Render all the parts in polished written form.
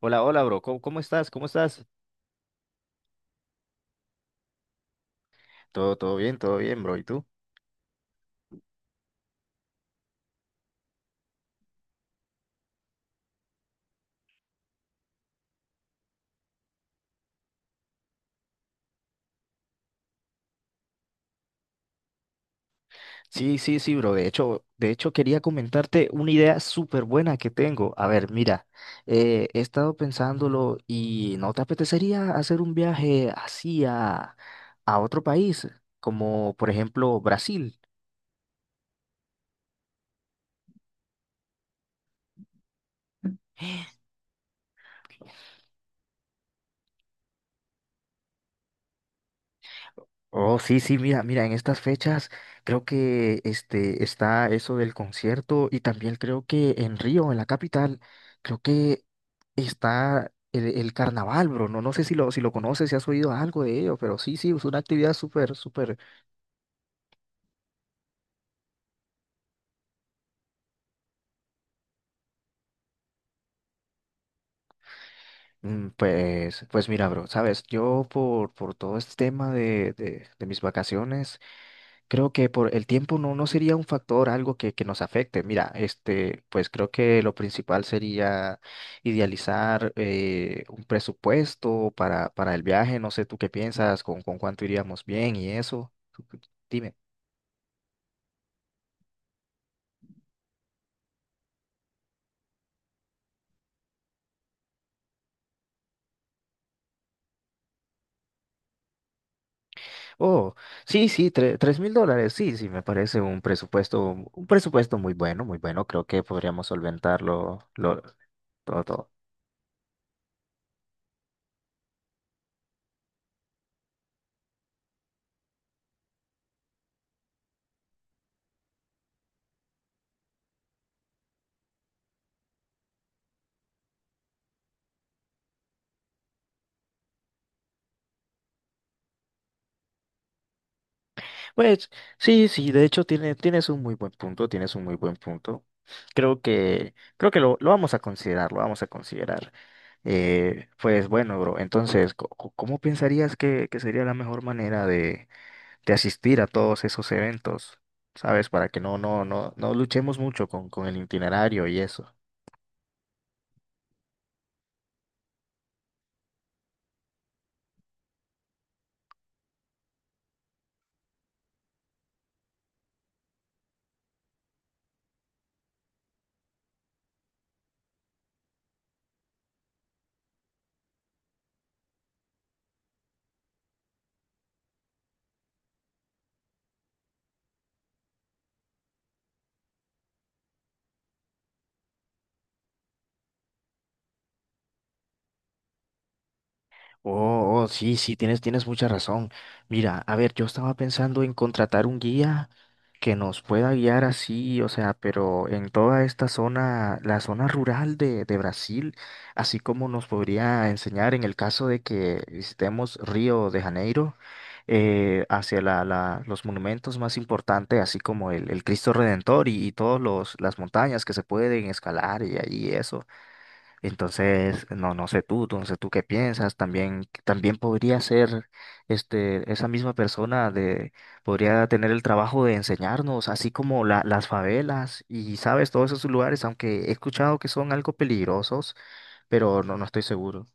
Hola, hola, bro. ¿Cómo estás? ¿Cómo estás? Todo bien, todo bien, bro. ¿Y tú? Sí, sí, sí, bro. De hecho, quería comentarte una idea súper buena que tengo. A ver, mira, he estado pensándolo y ¿no te apetecería hacer un viaje así a otro país, como por ejemplo Brasil? Oh, sí, sí, mira, mira, en estas fechas creo que está eso del concierto y también creo que en Río, en la capital, creo que está el carnaval, bro. No, no sé si lo conoces, si has oído algo de ello, pero sí, sí, es una actividad súper, súper. Pues mira, bro, sabes, yo por todo este tema de mis vacaciones. Creo que por el tiempo no sería un factor, algo que nos afecte. Mira, pues creo que lo principal sería idealizar un presupuesto para el viaje. No sé tú qué piensas, con cuánto iríamos bien y eso. Tú- tú Dime. Oh, sí, sí, $3.000. Sí, sí, me parece un presupuesto muy bueno, muy bueno. Creo que podríamos solventarlo todo, todo. Pues sí, sí, de hecho tienes un muy buen punto, tienes un muy buen punto. Creo que lo vamos a considerar, lo vamos a considerar. Pues bueno, bro, entonces, ¿cómo pensarías que sería la mejor manera de asistir a todos esos eventos? ¿Sabes? Para que no luchemos mucho con el itinerario y eso. Oh, oh, sí, sí, tienes mucha razón. Mira, a ver, yo estaba pensando en contratar un guía que nos pueda guiar así, o sea, pero en toda esta zona, la zona rural de Brasil, así como nos podría enseñar en el caso de que visitemos Río de Janeiro, hacia los monumentos más importantes, así como el Cristo Redentor y todas las montañas que se pueden escalar y ahí eso. Entonces, no sé tú, no sé tú qué piensas, también podría ser esa misma persona de, podría tener el trabajo de enseñarnos, así como las favelas y, sabes, todos esos lugares, aunque he escuchado que son algo peligrosos, pero no estoy seguro.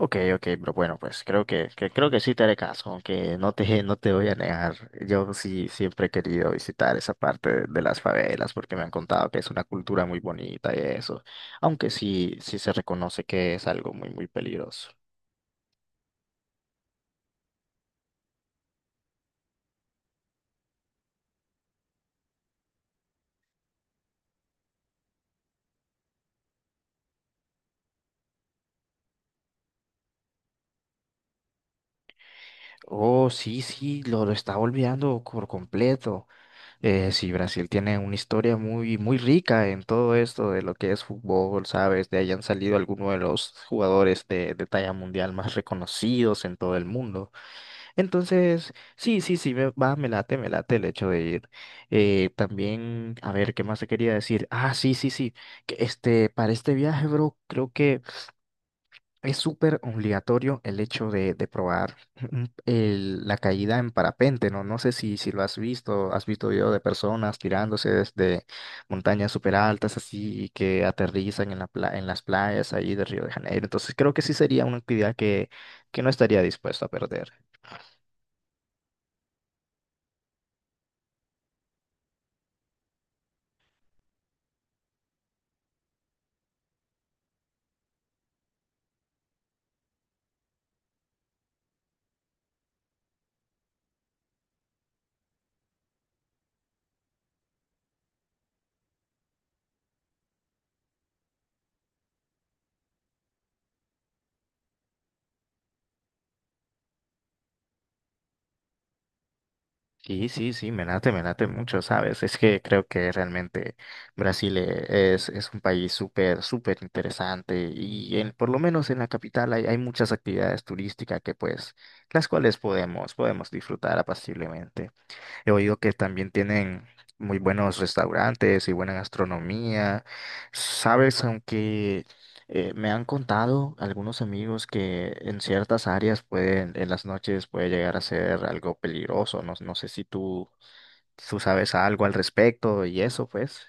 Ok, ok, pero bueno, pues creo que creo que sí te haré caso, aunque no te voy a negar. Yo sí siempre he querido visitar esa parte de las favelas porque me han contado que es una cultura muy bonita y eso, aunque sí, sí se reconoce que es algo muy, muy peligroso. Oh, sí, sí, lo estaba olvidando por completo. Sí, Brasil tiene una historia muy, muy rica en todo esto de lo que es fútbol, ¿sabes? De ahí han salido algunos de los jugadores de talla mundial más reconocidos en todo el mundo. Entonces, sí, sí, sí, me late el hecho de ir. También, a ver, ¿qué más te quería decir? Ah, sí, sí, sí, que para este viaje, bro, creo que es súper obligatorio el hecho de probar la caída en parapente, ¿no? No sé si lo has visto video de personas tirándose desde montañas súper altas, así, que aterrizan en las playas ahí de Río de Janeiro. Entonces, creo que sí sería una actividad que no estaría dispuesto a perder. Sí, sí, sí, me late mucho, ¿sabes? Es que creo que realmente Brasil es un país súper, súper interesante y por lo menos en la capital hay muchas actividades turísticas que pues, las cuales podemos disfrutar apaciblemente. He oído que también tienen muy buenos restaurantes y buena gastronomía. Sabes, aunque me han contado algunos amigos que en ciertas áreas en las noches puede llegar a ser algo peligroso. No, no sé si tú sabes algo al respecto y eso, pues.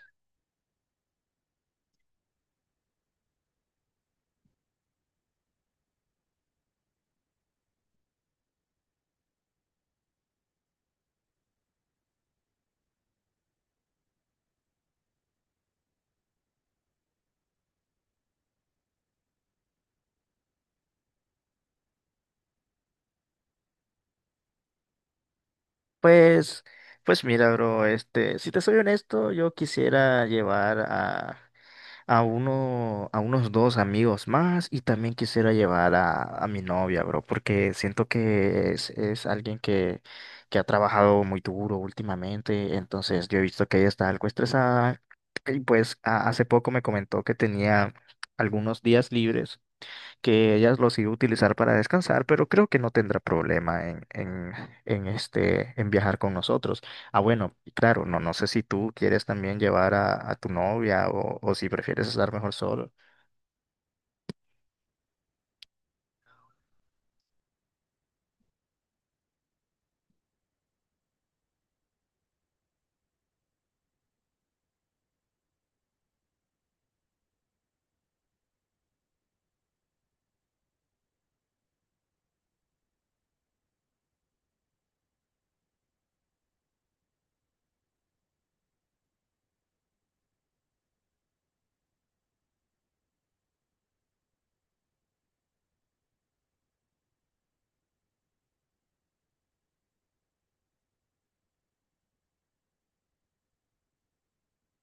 Pues, pues mira, bro, si te soy honesto, yo quisiera llevar a unos dos amigos más y también quisiera llevar a mi novia, bro, porque siento que es alguien que ha trabajado muy duro últimamente, entonces yo he visto que ella está algo estresada y pues hace poco me comentó que tenía algunos días libres que ellas los iba a utilizar para descansar, pero creo que no tendrá problema en viajar con nosotros. Ah, bueno, y claro, no, no sé si tú quieres también llevar a tu novia o si prefieres estar mejor solo.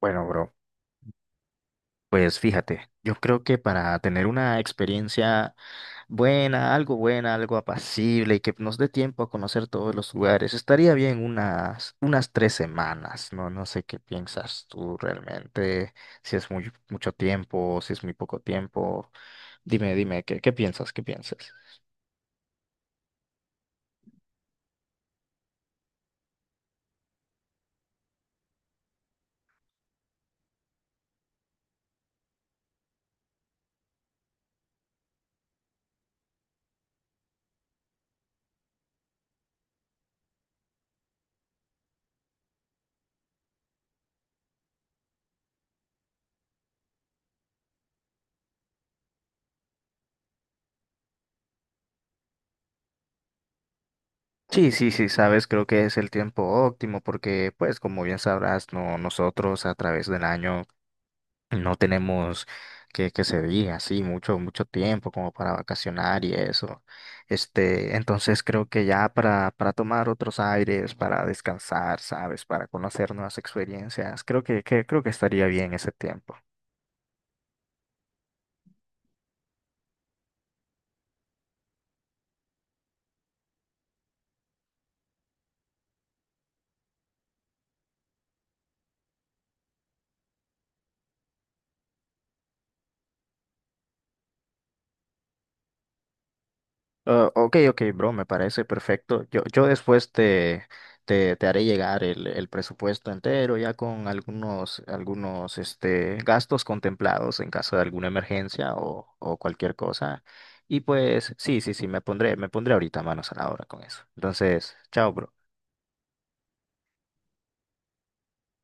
Bueno, bro. Pues fíjate, yo creo que para tener una experiencia algo buena, algo apacible y que nos dé tiempo a conocer todos los lugares, estaría bien unas 3 semanas, ¿no? No sé qué piensas tú realmente, si es mucho tiempo, si es muy poco tiempo. Dime, dime, ¿qué piensas? ¿Qué piensas? Sí, sí, sí, sabes, creo que es el tiempo óptimo porque, pues, como bien sabrás, no, nosotros a través del año no tenemos que se diga así mucho, mucho tiempo como para vacacionar y eso. Entonces creo que ya para tomar otros aires, para descansar, ¿sabes? Para conocer nuevas experiencias, creo que estaría bien ese tiempo. Ah, ok, ok, bro, me parece perfecto. Yo después te haré llegar el presupuesto entero, ya con algunos gastos contemplados en caso de alguna emergencia o cualquier cosa. Y pues, sí, sí, sí, me pondré ahorita manos a la obra con eso. Entonces, chao, bro.